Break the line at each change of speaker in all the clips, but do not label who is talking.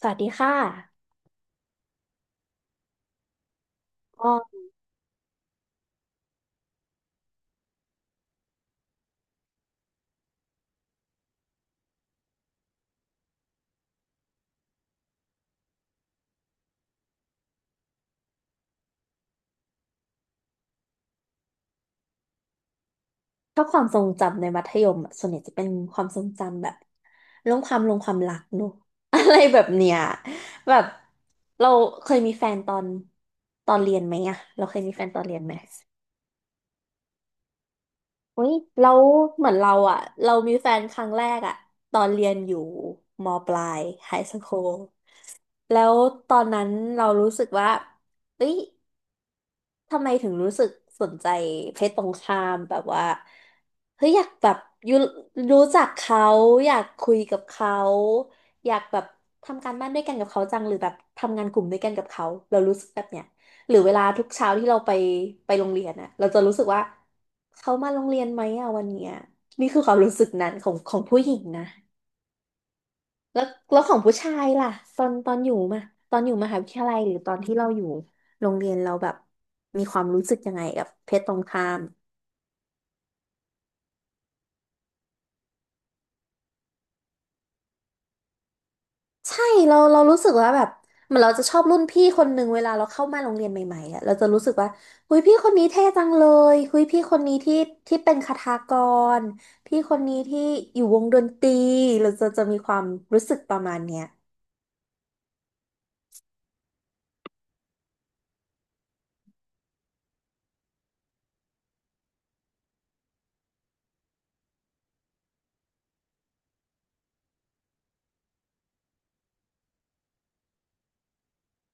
สวัสดีค่ะก็ชอบความทรงจำในมัธยมอะส่วนใหญ่จะเป็นความทรงจำแบบเรื่องความลงความรักเนอะ อะไรแบบเนี้ยแบบเราเคยมีแฟนตอนเรียนไหมอะเราเคยมีแฟนตอนเรียนไหมอุ้ยเราเหมือนเราอะเรามีแฟนครั้งแรกอะตอนเรียนอยู่มปลายไฮสคูลแล้วตอนนั้นเรารู้สึกว่าเอ้ย ทำไมถึงรู้สึกสนใจเพศตรงข้ามแบบว่าเฮ้ยอยากแบบยูรู้จักเขาอยากคุยกับเขาอยากแบบทำการบ้านด้วยกันกับเขาจังหรือแบบทำงานกลุ่มด้วยกันกับเขาเรารู้สึกแบบเนี้ยหรือเวลาทุกเช้าที่เราไปโรงเรียนอะเราจะรู้สึกว่าเขามาโรงเรียนไหมอะวันเนี้ยนี่คือความรู้สึกนั้นของผู้หญิงนะ แล้วแล้วของผู้ชายล่ะตอนอยู่มาตอนอยู่มหาวิทยาลัยหรือตอนที่เราอยู่โรงเรียนเราแบบมีความรู้สึกยังไงกับเพศตรงข้ามใช่เรารู้สึกว่าแบบเหมือนเราจะชอบรุ่นพี่คนหนึ่งเวลาเราเข้ามาโรงเรียนใหม่ๆอ่ะเราจะรู้สึกว่าหุยพี่คนนี้เท่จังเลยหุยพี่คนนี้ที่ที่เป็นคทากรพี่คนนี้ที่อยู่วงดนตรีเราจะมีความรู้สึกประมาณเนี้ย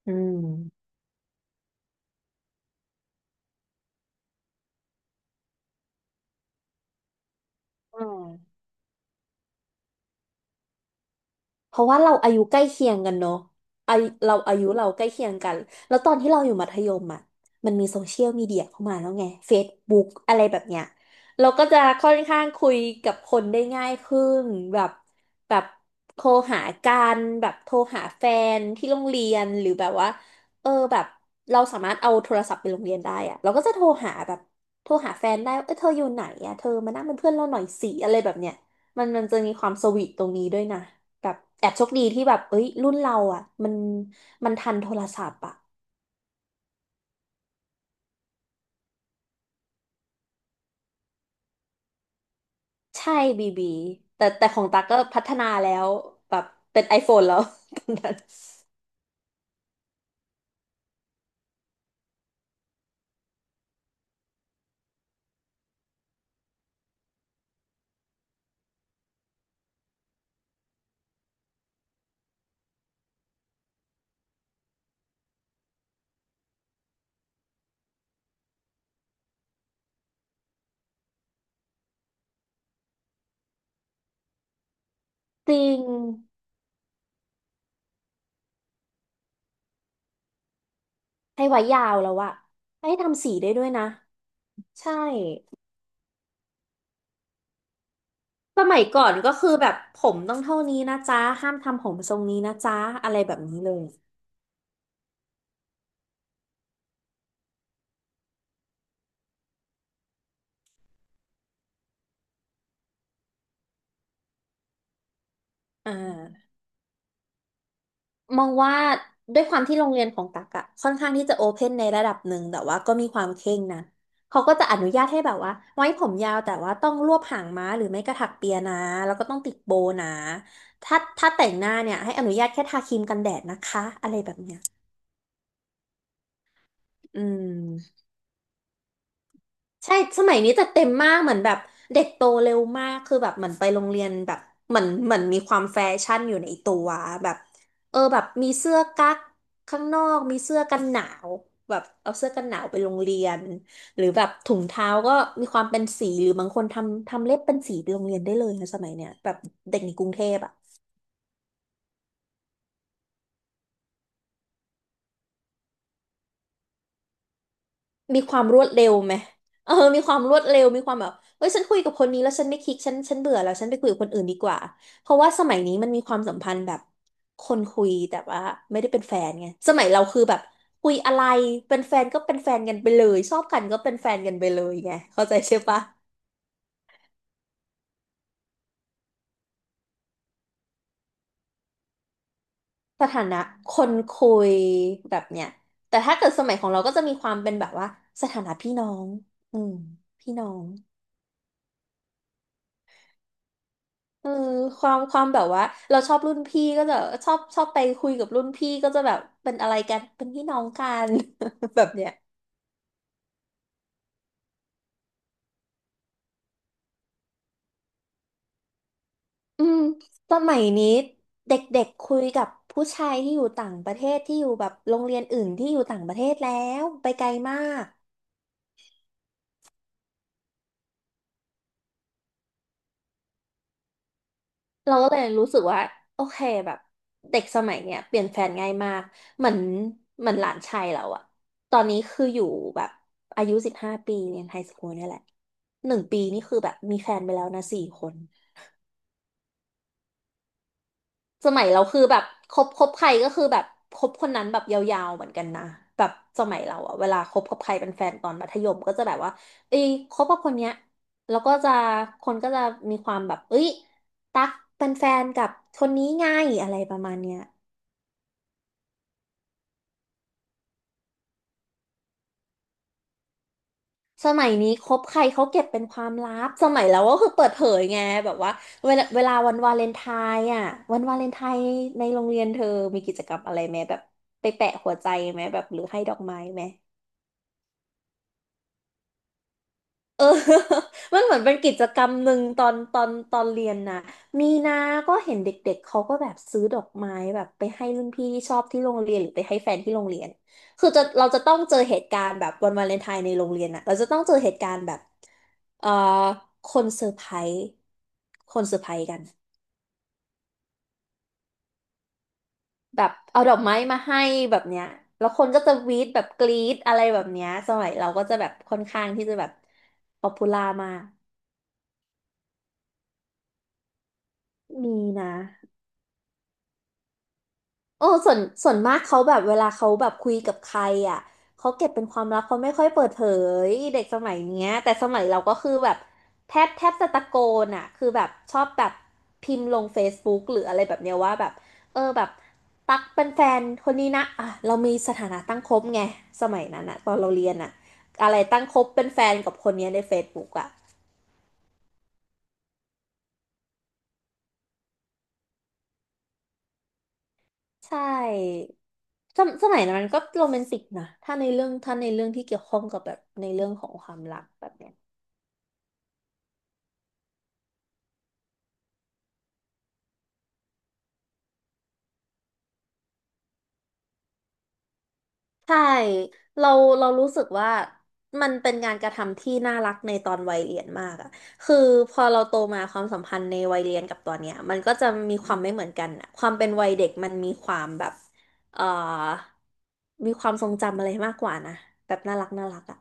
อืมอืม เพราะว่าเราอายุใกล้เคียงกันเนาะอายุเราใกล้เคียงกันแล้วตอนที่เราอยู่มัธยมอ่ะมันมีโซเชียลมีเดียเข้ามาแล้วไง Facebook อะไรแบบเนี้ยเราก็จะค่อนข้างคุยกับคนได้ง่ายขึ้นแบบแบบโทรหากันแบบโทรหาแฟนที่โรงเรียนหรือแบบว่าเออแบบเราสามารถเอาโทรศัพท์ไปโรงเรียนได้อะเราก็จะโทรหาแบบโทรหาแฟนได้ว่าเออเธออยู่ไหนอะเธอมานั่งเป็นเพื่อนเราหน่อยสิอะไรแบบเนี้ยมันจะมีความสวีทตรงนี้ด้วยนะ แบบแอบโชคดีที่แบบเอ้ยรุ่นเราอ่ะมันมันทันโทรศัพท์อ่ะใช่บีบีแต่ของตาก็พัฒนาแล้วแบบเป็น iPhone แล้ว ตอนนั้นจริงให้ไว้ยาวแล้วอะให้ทำสีได้ด้วยนะใช่สมัยก่อนก็คือแบบผมต้องเท่านี้นะจ๊ะห้ามทำผมทรงนี้นะจ๊ะอะไรแบบนี้เลยอ่า มองว่าด้วยความที่โรงเรียนของตักอะค่อนข้างที่จะโอเพนในระดับหนึ่งแต่ว่าก็มีความเคร่งนะเขาก็จะอนุญาตให้แบบว่าไว้ผมยาวแต่ว่าต้องรวบหางม้าหรือไม่กระถักเปียนะแล้วก็ต้องติดโบว์นะถ้าแต่งหน้าเนี่ยให้อนุญาตแค่ทาครีมกันแดดนะคะอะไรแบบเนี้ยอืม ใช่สมัยนี้จะเต็มมากเหมือนแบบเด็กโตเร็วมากคือแบบเหมือนไปโรงเรียนแบบเหมือนเหมือนมีความแฟชั่นอยู่ในตัวแบบเออแบบมีเสื้อกั๊กข้างนอกมีเสื้อกันหนาวแบบเอาเสื้อกันหนาวไปโรงเรียนหรือแบบถุงเท้าก็มีความเป็นสีหรือบางคนทำเล็บเป็นสีไปโรงเรียนได้เลยนะสมัยเนี้ยแบบเด็กในกรุงเทพอะ มีความรวดเร็วไหมเออมีความรวดเร็วมีความแบบเฮ้ยฉันคุยกับคนนี้แล้วฉันไม่คลิกฉันเบื่อแล้วฉันไปคุยกับคนอื่นดีกว่าเพราะว่าสมัยนี้มันมีความสัมพันธ์แบบคนคุยแต่ว่าไม่ได้เป็นแฟนไงสมัยเราคือแบบคุยอะไรเป็นแฟนก็เป็นแฟนกันไปเลย ชอบกันก็เป็นแฟนกันไปเลยไงเข้าใจใช่ปะสถานะคนคุยแบบเนี้ยแต่ถ้าเกิดสมัยของเราก็จะมีความเป็นแบบว่าสถานะพี่น้องอืมพี่น้อง เออความความแบบว่าเราชอบรุ่นพี่ก็จะชอบไปคุยกับรุ่นพี่ก็จะแบบเป็นอะไรกันเป็นพี่น้องกัน แบบเนี้ยอืมสมัยนี้เด็กๆคุยกับผู้ชายที่อยู่ต่างประเทศที่อยู่แบบโรงเรียนอื่นที่อยู่ต่างประเทศแล้วไปไกลมาก เราก็เลยรู้สึกว่าโอเคแบบเด็กสมัยเนี้ยเปลี่ยนแฟนง่ายมากเหมือนเหมือนหลานชายเราอะตอนนี้คืออยู่แบบอายุ15 ปีเรียนไฮสคูลเนี่ยแหละ1 ปีนี่คือแบบมีแฟนไปแล้วนะ4 คนสมัยเราคือแบบคบใครก็คือแบบคบคนนั้นแบบยาวๆเหมือนกันนะแบบสมัยเราอะเวลาคบกับใครเป็นแฟนตอนมัธยมก็จะแบบว่าเอ้ยคบกับคนเนี้ยแล้วก็จะคนก็จะมีความแบบเอ้ยตั๊กเป็นแฟนกับคนนี้ไง่ายอะไรประมาณเนี้ย สมัยนี้คบใครเขาเก็บเป็นความลับสมัยเราก็คือเปิดเผยไงแบบว่าเวลาวันวาเลนไทน์อ่ะวันวาเลนไทน์ในโรงเรียนเธอมีกิจกรรมอะไรไหมแบบไปแปะหัวใจไหมแบบหรือให้ดอกไม้ไหม เออ มันเหมือนเป็นกิจกรรมหนึ่งตอนเรียนนะมีนาก็เห็นเด็กๆเขาก็แบบซื้อดอกไม้แบบไปให้รุ่นพี่ที่ชอบที่โรงเรียนหรือไปให้แฟนที่โรงเรียนคือจะเราจะต้องเจอเหตุการณ์แบบวันวาเลนไทน์ในโรงเรียนอะเราจะต้องเจอเหตุการณ์แบบเอ่อคนเซอร์ไพรส์คนเซอร์ไพรส์กันแบบเอาดอกไม้มาให้แบบเนี้ยแล้วคนก็จะวีดแบบกรี๊ดอะไรแบบเนี้ยสมัยเราก็จะแบบค่อนข้างที่จะแบบป๊อปปูล่ามากมีนะ โอ้ส่วนมากเขาแบบเวลาเขาแบบคุยกับใครอ่ะเขาเก็บเป็นความลับเขาไม่ค่อยเปิดเผยเด็กสมัยเนี้ยแต่สมัยเราก็คือแบบแทบจะตะโกนอ่ะคือแบบชอบแบบพิมพ์ลง Facebook หรืออะไรแบบเนี้ยว่าแบบเออแบบตักเป็นแฟนคนนี้นะอ่ะเรามีสถานะตั้งคบไงสมัยนั้นอ่ะตอนเราเรียนอ่ะอะไรตั้งคบเป็นแฟนกับคนเนี้ยใน Facebook อ่ะใช่สมัยนั้นมันก็โรแมนติกนะถ้าในเรื่องที่เกี่ยวข้องกับแบบในเรื่องของความรักแบบเนี้ย ใช่เราเรารู้สึกว่ามันเป็นงานกระทำที่น่ารักในตอนวัยเรียนมากอะคือพอเราโตมาความสัมพันธ์ในวัยเรียนกับตอนเนี้ยมันก็จะมีความไม่เหมือนกันอะความเป็นวัยเด็กมันมีความแบบเอ่อมีความทรงจำอะไรมากกว่านะแบบน่ารักน่ารักอะ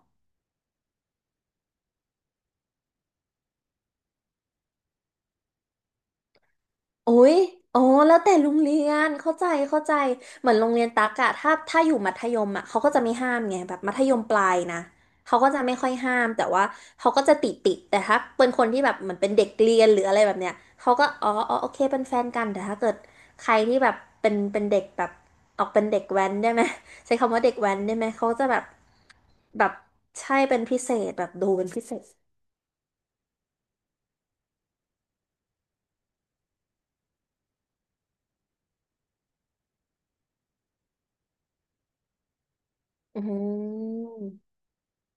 โอ้ยอ๋อแล้วแต่โรงเรียน เข้าใจเหมือนโรงเรียนตักอะถ้าอยู่มัธยมอะเขาก็จะไม่ห้ามไงแบบมัธยมปลายนะเขาก็จะไม่ค่อยห้ามแต่ว่าเขาก็จะติด แต่ถ้าเป็นคนที่แบบเหมือนเป็นเด็กเรียนหรืออะไรแบบเนี้ยเขาก็อ๋อโอเคเป็นแฟนกันแต่ถ้าเกิดใครที่แบบเป็นเด็กแบบออกเป็นเด็กแว้นได้ไหมใช้คำว่าเด็กแว้นได้ไหมเขาจะแบบแบบใช่เป็นพิเศษแบบดูเป็นพิเศษอืม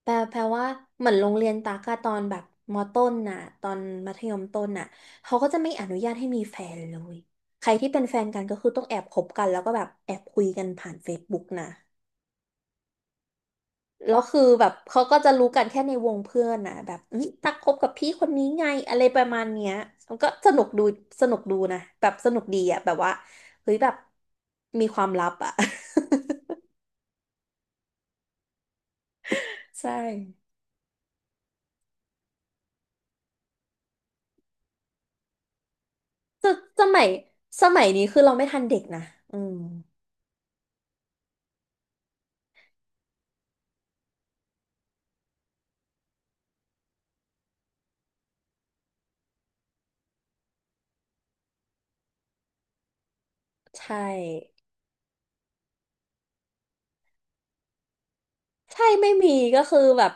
แปลว่าเหมือนโรงเรียนตากอะตอนแบบมต้นน่ะตอนมัธยมต้นน่ะเขาก็จะไม่อนุญาตให้มีแฟนเลยใครที่เป็นแฟนกันก็คือต้องแอบคบกันแล้วก็แบบแอบคุยกันผ่าน Facebook นะแล้วคือแบบเขาก็จะรู้กันแค่ในวงเพื่อนน่ะแบบอุ๊ยตักคบกับพี่คนนี้ไงอะไรประมาณเนี้ยมันก็สนุกดูสนุกดูนะแบบสนุกดีอะแบบว่าเฮ้ยแบบมีความลับอะ ใช่สสมัยสมัยนี้คือเราไม่ทันเด็กนะอืมใช่ ใช่ไม่มีก็คือแบบ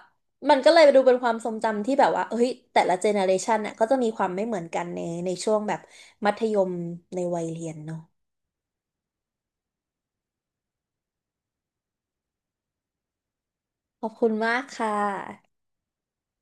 มันก็เลยดูเป็นความทรงจำที่แบบว่าเฮ้ยแต่ละเจเนอเรชันน่ะก็จะมีความไม่เหมือนกันในในช่วงแบบมัธยมในวัยเรียนเนาะขอบคุณมากค่ะ